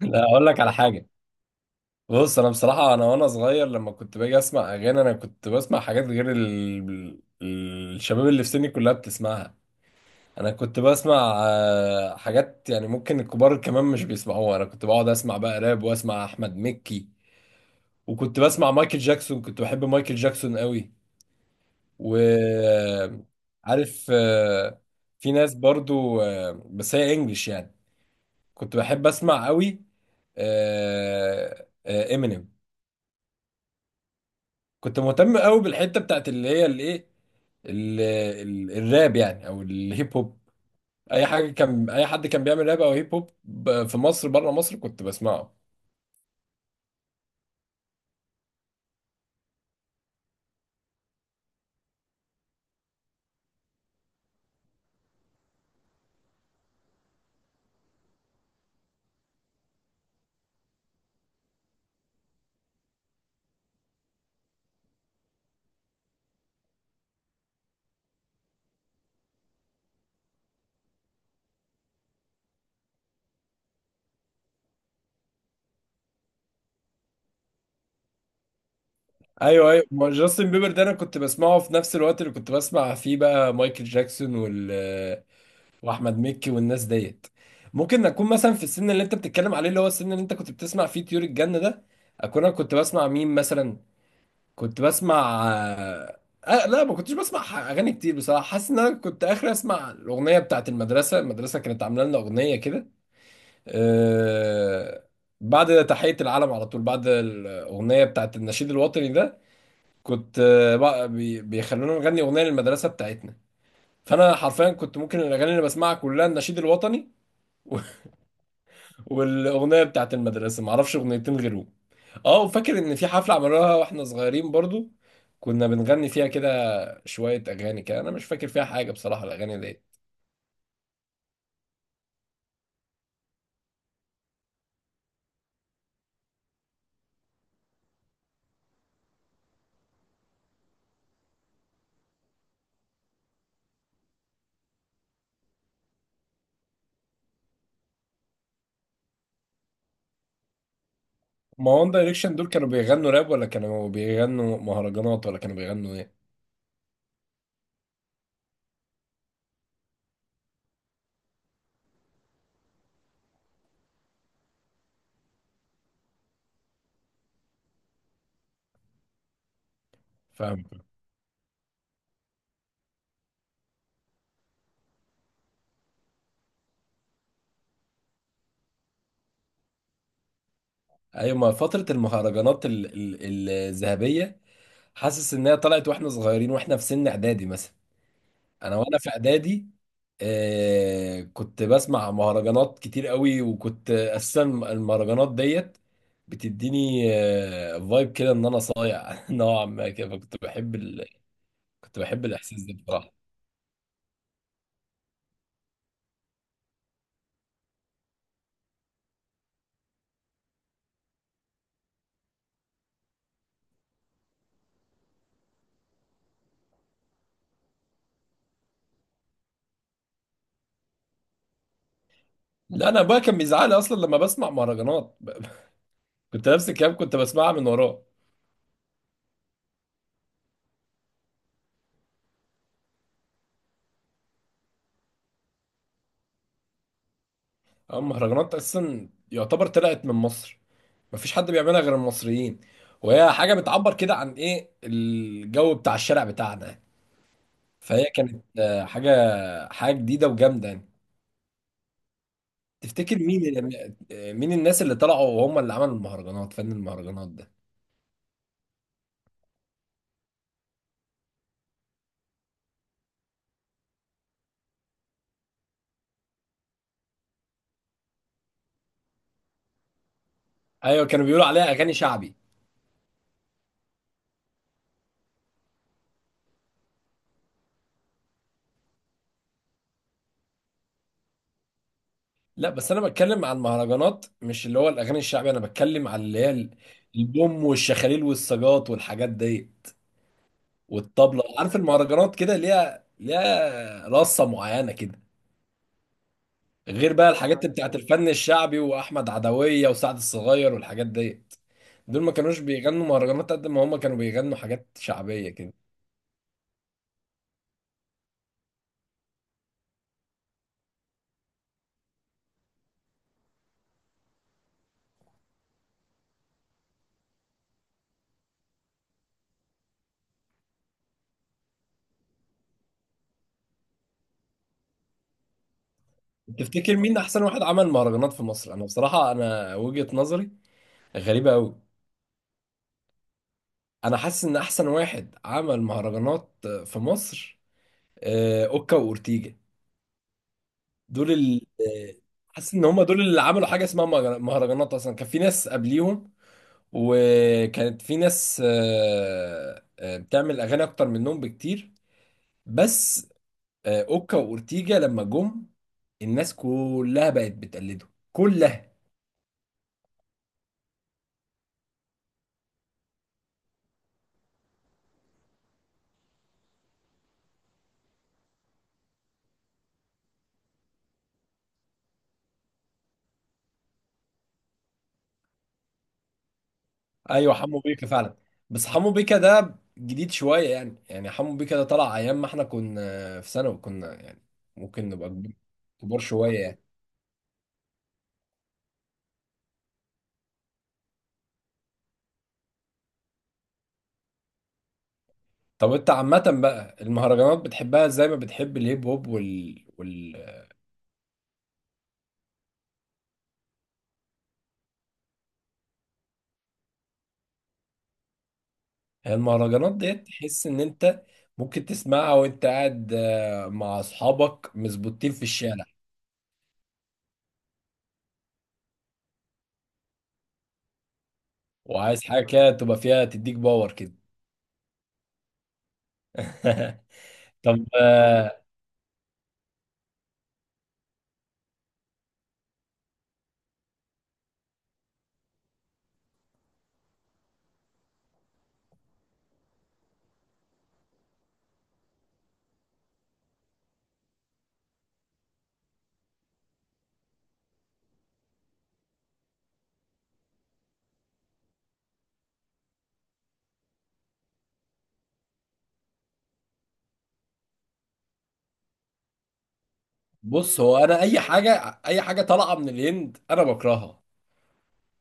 لا اقول لك على حاجه. بص، انا بصراحه انا وانا صغير لما كنت باجي اسمع اغاني انا كنت بسمع حاجات غير الشباب اللي في سني كلها بتسمعها. انا كنت بسمع حاجات يعني ممكن الكبار كمان مش بيسمعوها. انا كنت بقعد اسمع بقى راب واسمع احمد مكي، وكنت بسمع مايكل جاكسون، كنت بحب مايكل جاكسون قوي. وعارف في ناس برضو، بس هي انجلش يعني، كنت بحب اسمع قوي امينيم. كنت مهتم قوي بالحته بتاعت اللي هي الايه، الراب يعني او الهيب هوب. اي حاجه كان، اي حد كان بيعمل راب او هيب هوب في مصر بره مصر كنت بسمعه. ايوه ايوه، ما جاستن بيبر ده انا كنت بسمعه في نفس الوقت اللي كنت بسمع فيه بقى مايكل جاكسون وال، واحمد مكي والناس ديت. ممكن اكون مثلا في السن اللي انت بتتكلم عليه، اللي هو السن اللي انت كنت بتسمع فيه طيور الجنه ده، اكون انا كنت بسمع مين مثلا. كنت بسمع، آه لا ما كنتش بسمع اغاني كتير بصراحه. حاسس ان انا كنت اخر اسمع الاغنيه بتاعت المدرسه. المدرسه كانت عامله لنا اغنيه كده، آه، بعد تحيه العلم على طول، بعد الاغنيه بتاعت النشيد الوطني ده كنت بقى بيخلونا نغني اغنيه للمدرسه بتاعتنا. فانا حرفيا كنت ممكن الاغاني اللي بسمعها كلها النشيد الوطني والاغنيه بتاعت المدرسه، ما اعرفش اغنيتين غيرهم. اه، وفاكر ان في حفله عملوها واحنا صغيرين برضو كنا بنغني فيها كده شوية أغاني كده، أنا مش فاكر فيها حاجة بصراحة الأغاني دي. ما وان دايركشن دول كانوا بيغنوا راب ولا كانوا بيغنوا مهرجانات ولا كانوا بيغنوا إيه؟ فاهم. أيوة، ما فترة المهرجانات الذهبية حاسس إنها طلعت وإحنا صغيرين وإحنا في سن إعدادي مثلا. أنا وأنا في إعدادي كنت بسمع مهرجانات كتير قوي، وكنت أساسا المهرجانات ديت بتديني فايب كده إن أنا صايع نوعا ما كده. فكنت بحب كنت بحب الإحساس ده بصراحة. لا انا ابويا كان بيزعلي اصلا لما بسمع مهرجانات كنت نفس الكلام كنت بسمعها من وراه. اما المهرجانات اساسا يعتبر طلعت من مصر، مفيش حد بيعملها غير المصريين، وهي حاجه بتعبر كده عن ايه الجو بتاع الشارع بتاعنا. فهي كانت حاجه، حاجه جديده وجامده يعني. تفتكر مين اللي مين الناس اللي طلعوا وهم اللي عملوا المهرجانات، فن المهرجانات ده؟ ايوه كانوا بيقولوا عليها اغاني شعبي. لا بس انا بتكلم عن المهرجانات، مش اللي هو الاغاني الشعبيه. انا بتكلم على اللي هي البوم والشخاليل والسجاط والحاجات دي والطبله. عارف المهرجانات كده ليها، ليها رصه معينه كده، غير بقى الحاجات اللي بتاعت الفن الشعبي واحمد عدويه وسعد الصغير والحاجات دي. دول ما كانوش بيغنوا مهرجانات قد ما هم كانوا بيغنوا حاجات شعبيه كده. تفتكر مين احسن واحد عمل مهرجانات في مصر؟ انا بصراحه انا وجهه نظري غريبه قوي. انا حاسس ان احسن واحد عمل مهرجانات في مصر، اوكا واورتيجا. دول ال... آه، حاسس ان هم دول اللي عملوا حاجه اسمها مهرجانات. اصلا كان في ناس قبليهم، وكانت في ناس بتعمل اغاني اكتر منهم بكتير، بس اوكا واورتيجا لما جم الناس كلها بقت بتقلده كلها. ايوه، حمو بيكا فعلا، بس حمو بيكا ده جديد شويه يعني. يعني حمو بيكا ده طلع ايام ما احنا كنا في ثانوي، كنا يعني ممكن نبقى كبار، كبار شويه يعني. طب انت عامة بقى المهرجانات بتحبها زي ما بتحب الهيب هوب المهرجانات ديت تحس ان انت ممكن تسمعها وانت قاعد مع اصحابك مزبوطين في الشارع، وعايز حاجة كده تبقى فيها، تديك باور كده. طب بص هو انا اي حاجة، اي حاجة طالعة من الهند انا بكرهها.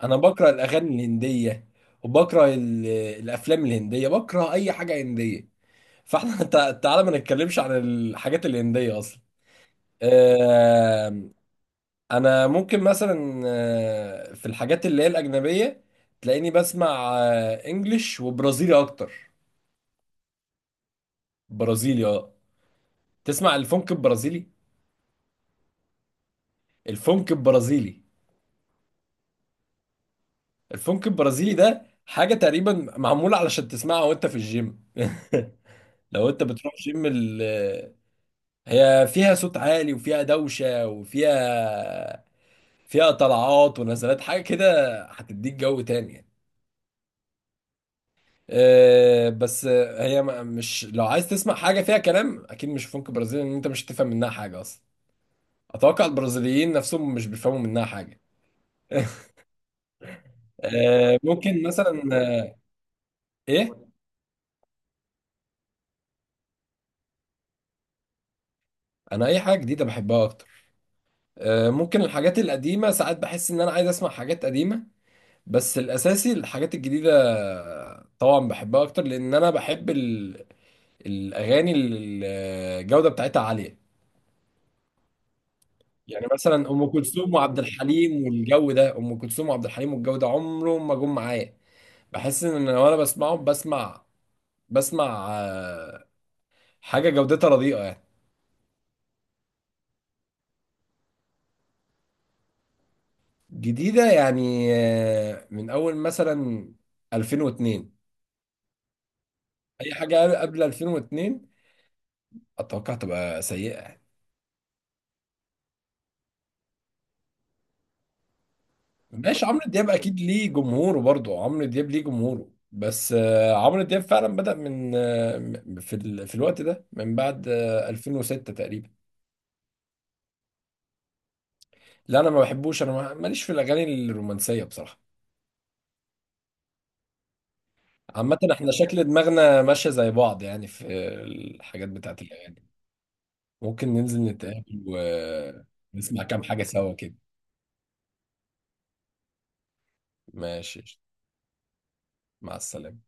انا بكره الاغاني الهندية وبكره الافلام الهندية، بكره اي حاجة هندية. فاحنا تعالى ما نتكلمش عن الحاجات الهندية اصلا. آه، انا ممكن مثلا، في الحاجات اللي هي الاجنبيه تلاقيني بسمع انجليش وبرازيلي اكتر. برازيلي اه، تسمع الفونك البرازيلي. الفونك البرازيلي. الفونك البرازيلي ده حاجه تقريبا معموله علشان تسمعها وانت في الجيم. لو انت بتروح جيم هي فيها صوت عالي وفيها دوشه وفيها، فيها طلعات ونزلات حاجه كده، هتديك جو تاني يعني. آه، بس آه، هي مش، لو عايز تسمع حاجة فيها كلام أكيد مش فنك برازيلي، لأن أنت مش هتفهم منها حاجة أصلا. أتوقع البرازيليين نفسهم مش بيفهموا منها حاجة. آه، ممكن مثلا آه، إيه؟ أنا أي حاجة جديدة بحبها أكتر. ممكن الحاجات القديمة ساعات بحس إن أنا عايز أسمع حاجات قديمة، بس الأساسي الحاجات الجديدة طبعا بحبها أكتر لأن أنا بحب الأغاني اللي الجودة بتاعتها عالية. يعني مثلا ام كلثوم وعبد الحليم والجو ده، ام كلثوم وعبد الحليم والجو ده عمرهم ما جم معايا. بحس ان أنا وانا بسمعهم بسمع، بسمع آه، حاجه جودتها رديئه يعني. جديده يعني من اول مثلا 2002، اي حاجه قبل 2002 اتوقع تبقى سيئه يعني. ماشي، عمرو دياب اكيد ليه جمهوره برضه، عمرو دياب ليه جمهوره، بس عمرو دياب فعلا بدأ من في في الوقت ده من بعد 2006 تقريبا. لا انا ما بحبوش، انا ماليش في الاغاني الرومانسيه بصراحه. عامه احنا شكل دماغنا ماشيه زي بعض يعني في الحاجات بتاعت الاغاني. ممكن ننزل نتقابل ونسمع كام حاجه سوا كده. ماشي. مع السلامه.